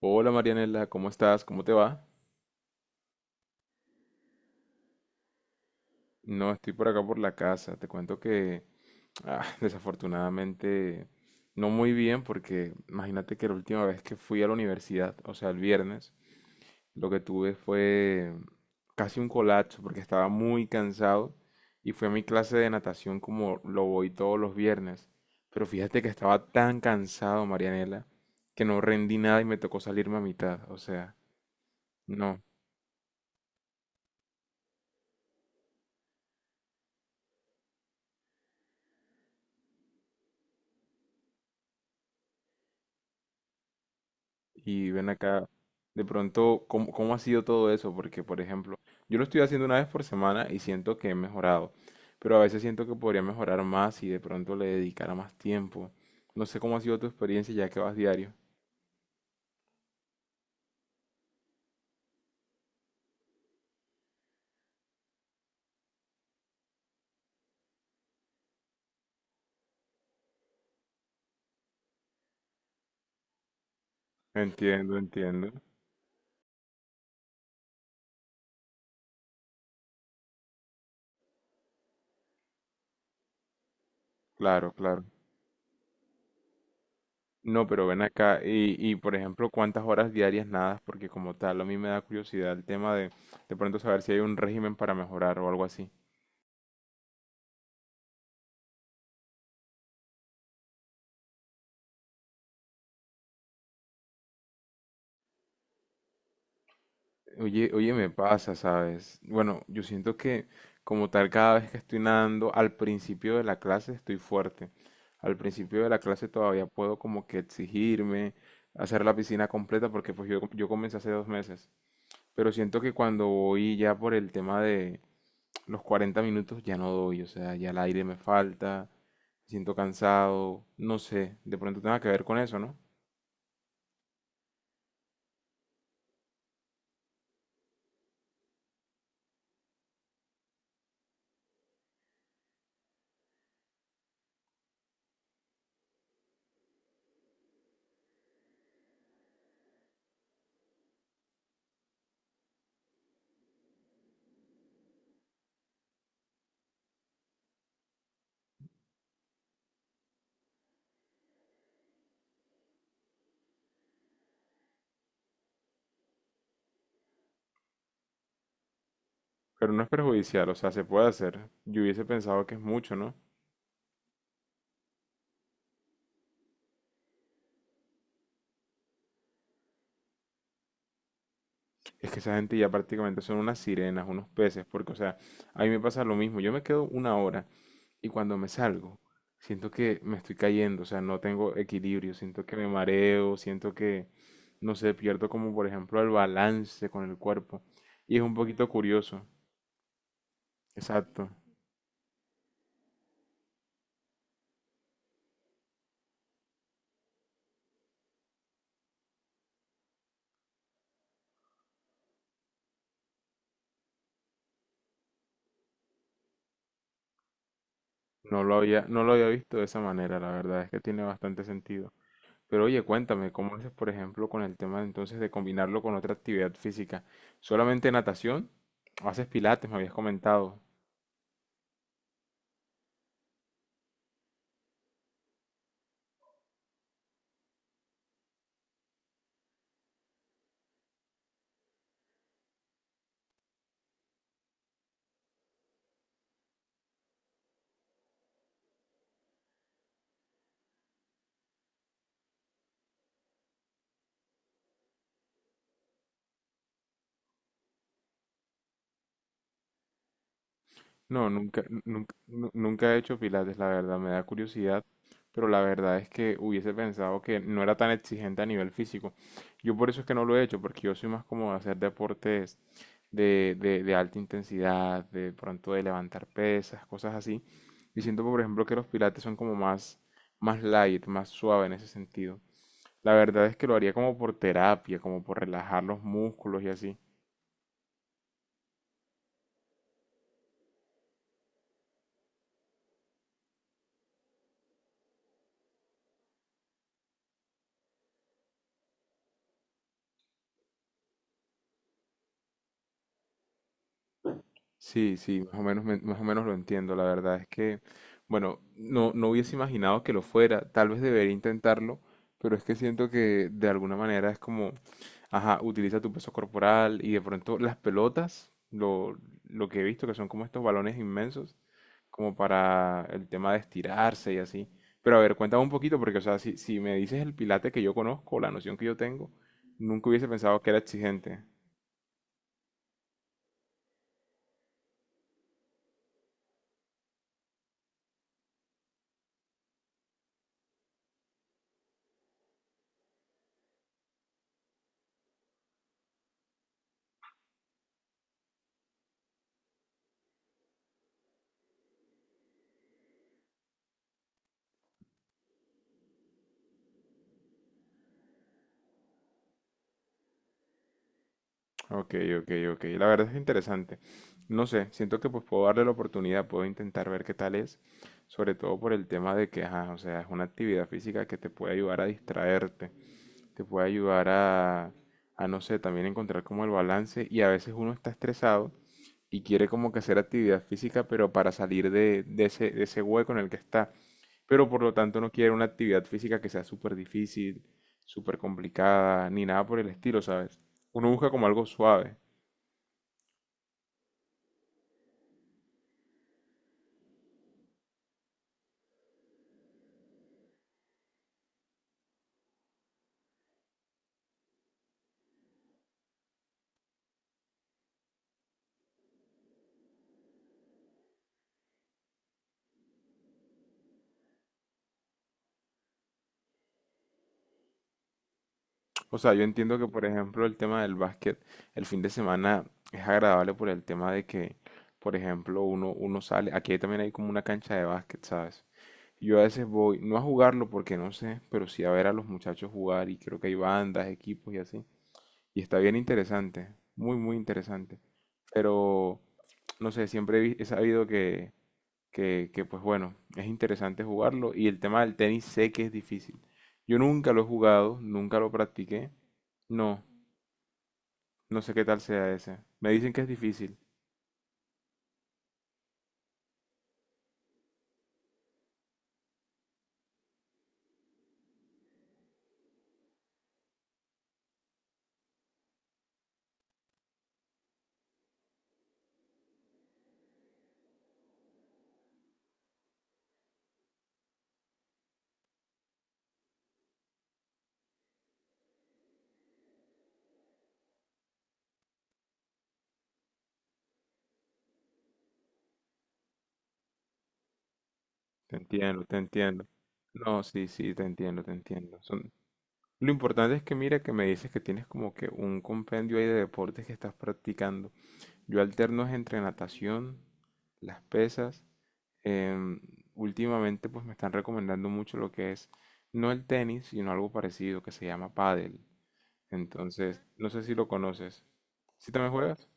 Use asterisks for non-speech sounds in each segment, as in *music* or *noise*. Hola Marianela, ¿cómo estás? ¿Cómo te va? No, estoy por acá por la casa. Te cuento que ah, *laughs* desafortunadamente no muy bien porque imagínate que la última vez que fui a la universidad, o sea, el viernes, lo que tuve fue casi un colapso porque estaba muy cansado y fui a mi clase de natación como lo voy todos los viernes. Pero fíjate que estaba tan cansado, Marianela, que no rendí nada y me tocó salirme a mitad. O sea, no. Y ven acá, de pronto, ¿cómo ha sido todo eso? Porque, por ejemplo, yo lo estoy haciendo una vez por semana y siento que he mejorado, pero a veces siento que podría mejorar más y de pronto le dedicara más tiempo. No sé cómo ha sido tu experiencia ya que vas diario. Entiendo, entiendo. Claro, claro. No, pero ven acá y, por ejemplo, ¿cuántas horas diarias nadas? Porque como tal, a mí me da curiosidad el tema de pronto saber si hay un régimen para mejorar o algo así. Oye, oye, me pasa, ¿sabes? Bueno, yo siento que como tal cada vez que estoy nadando, al principio de la clase estoy fuerte. Al principio de la clase todavía puedo como que exigirme, hacer la piscina completa, porque pues yo comencé hace 2 meses. Pero siento que cuando voy ya por el tema de los 40 minutos ya no doy, o sea, ya el aire me falta, me siento cansado, no sé, de pronto tenga que ver con eso, ¿no? Pero no es perjudicial, o sea, se puede hacer. Yo hubiese pensado que es mucho, ¿no? Es que esa gente ya prácticamente son unas sirenas, unos peces, porque, o sea, a mí me pasa lo mismo. Yo me quedo una hora y cuando me salgo, siento que me estoy cayendo, o sea, no tengo equilibrio, siento que me mareo, siento que, no sé, pierdo como, por ejemplo, el balance con el cuerpo. Y es un poquito curioso. Exacto. No lo había visto de esa manera, la verdad, es que tiene bastante sentido. Pero oye, cuéntame, ¿cómo haces, por ejemplo, con el tema entonces de combinarlo con otra actividad física? ¿Solamente natación? ¿O haces pilates? Me habías comentado. No, nunca he hecho pilates, la verdad, me da curiosidad, pero la verdad es que hubiese pensado que no era tan exigente a nivel físico. Yo por eso es que no lo he hecho, porque yo soy más como de hacer deportes de alta intensidad, de pronto de levantar pesas, cosas así. Y siento, por ejemplo, que los pilates son como más light, más suave en ese sentido. La verdad es que lo haría como por terapia, como por relajar los músculos y así. Sí, sí, más o menos lo entiendo. La verdad es que, bueno, no, no hubiese imaginado que lo fuera. Tal vez debería intentarlo, pero es que siento que de alguna manera es como, ajá, utiliza tu peso corporal y de pronto las pelotas, lo que he visto que son como estos balones inmensos, como para el tema de estirarse y así. Pero a ver, cuéntame un poquito, porque, o sea, si me dices el Pilates que yo conozco, la noción que yo tengo, nunca hubiese pensado que era exigente. Ok, ok, ok. La verdad es interesante. No sé, siento que pues puedo darle la oportunidad, puedo intentar ver qué tal es, sobre todo por el tema de que, ajá, o sea, es una actividad física que te puede ayudar a distraerte, te puede ayudar a no sé, también encontrar como el balance y a veces uno está estresado y quiere como que hacer actividad física, pero para salir de ese hueco en el que está. Pero por lo tanto no quiere una actividad física que sea súper difícil, súper complicada, ni nada por el estilo, ¿sabes? Uno busca como algo suave. O sea, yo entiendo que, por ejemplo, el tema del básquet, el fin de semana es agradable por el tema de que, por ejemplo, uno sale, aquí también hay como una cancha de básquet, ¿sabes? Yo a veces voy, no a jugarlo porque no sé, pero sí a ver a los muchachos jugar y creo que hay bandas, equipos y así. Y está bien interesante, muy, muy interesante. Pero, no sé, siempre he sabido que, pues bueno, es interesante jugarlo. Y el tema del tenis sé que es difícil. Yo nunca lo he jugado, nunca lo practiqué. No, no sé qué tal sea ese. Me dicen que es difícil. Te entiendo, te entiendo. No, sí, sí, te entiendo, te entiendo. Son... Lo importante es que mira que me dices que tienes como que un compendio ahí de deportes que estás practicando. Yo alterno es entre natación, las pesas. em, Últimamente pues me están recomendando mucho lo que es, no el tenis, sino algo parecido que se llama pádel. Entonces, no sé si lo conoces. ¿Sí también juegas?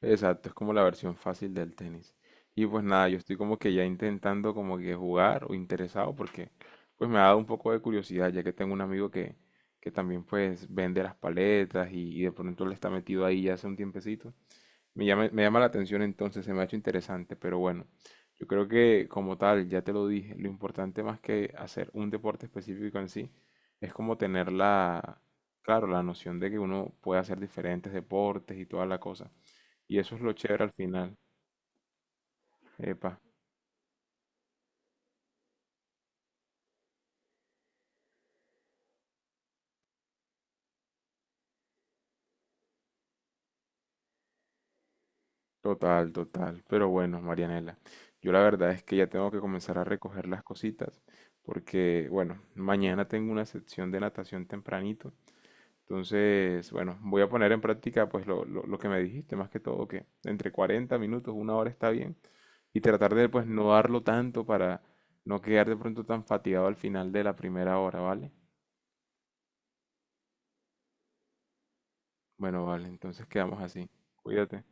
Exacto, es como la versión fácil del tenis. Y pues nada, yo estoy como que ya intentando como que jugar o interesado porque pues me ha dado un poco de curiosidad ya que tengo un amigo que también pues vende las paletas y de pronto le está metido ahí ya hace un tiempecito. Me llama la atención entonces, se me ha hecho interesante, pero bueno, yo creo que como tal, ya te lo dije, lo importante más que hacer un deporte específico en sí, es como tener la, claro, la noción de que uno puede hacer diferentes deportes y toda la cosa. Y eso es lo chévere al final. Epa, total, total. Pero bueno, Marianela, yo la verdad es que ya tengo que comenzar a recoger las cositas, porque bueno, mañana tengo una sección de natación tempranito. Entonces, bueno, voy a poner en práctica pues lo que me dijiste, más que todo que entre 40 minutos, una hora está bien, y tratar de pues no darlo tanto para no quedar de pronto tan fatigado al final de la primera hora, ¿vale? Bueno, vale, entonces quedamos así. Cuídate.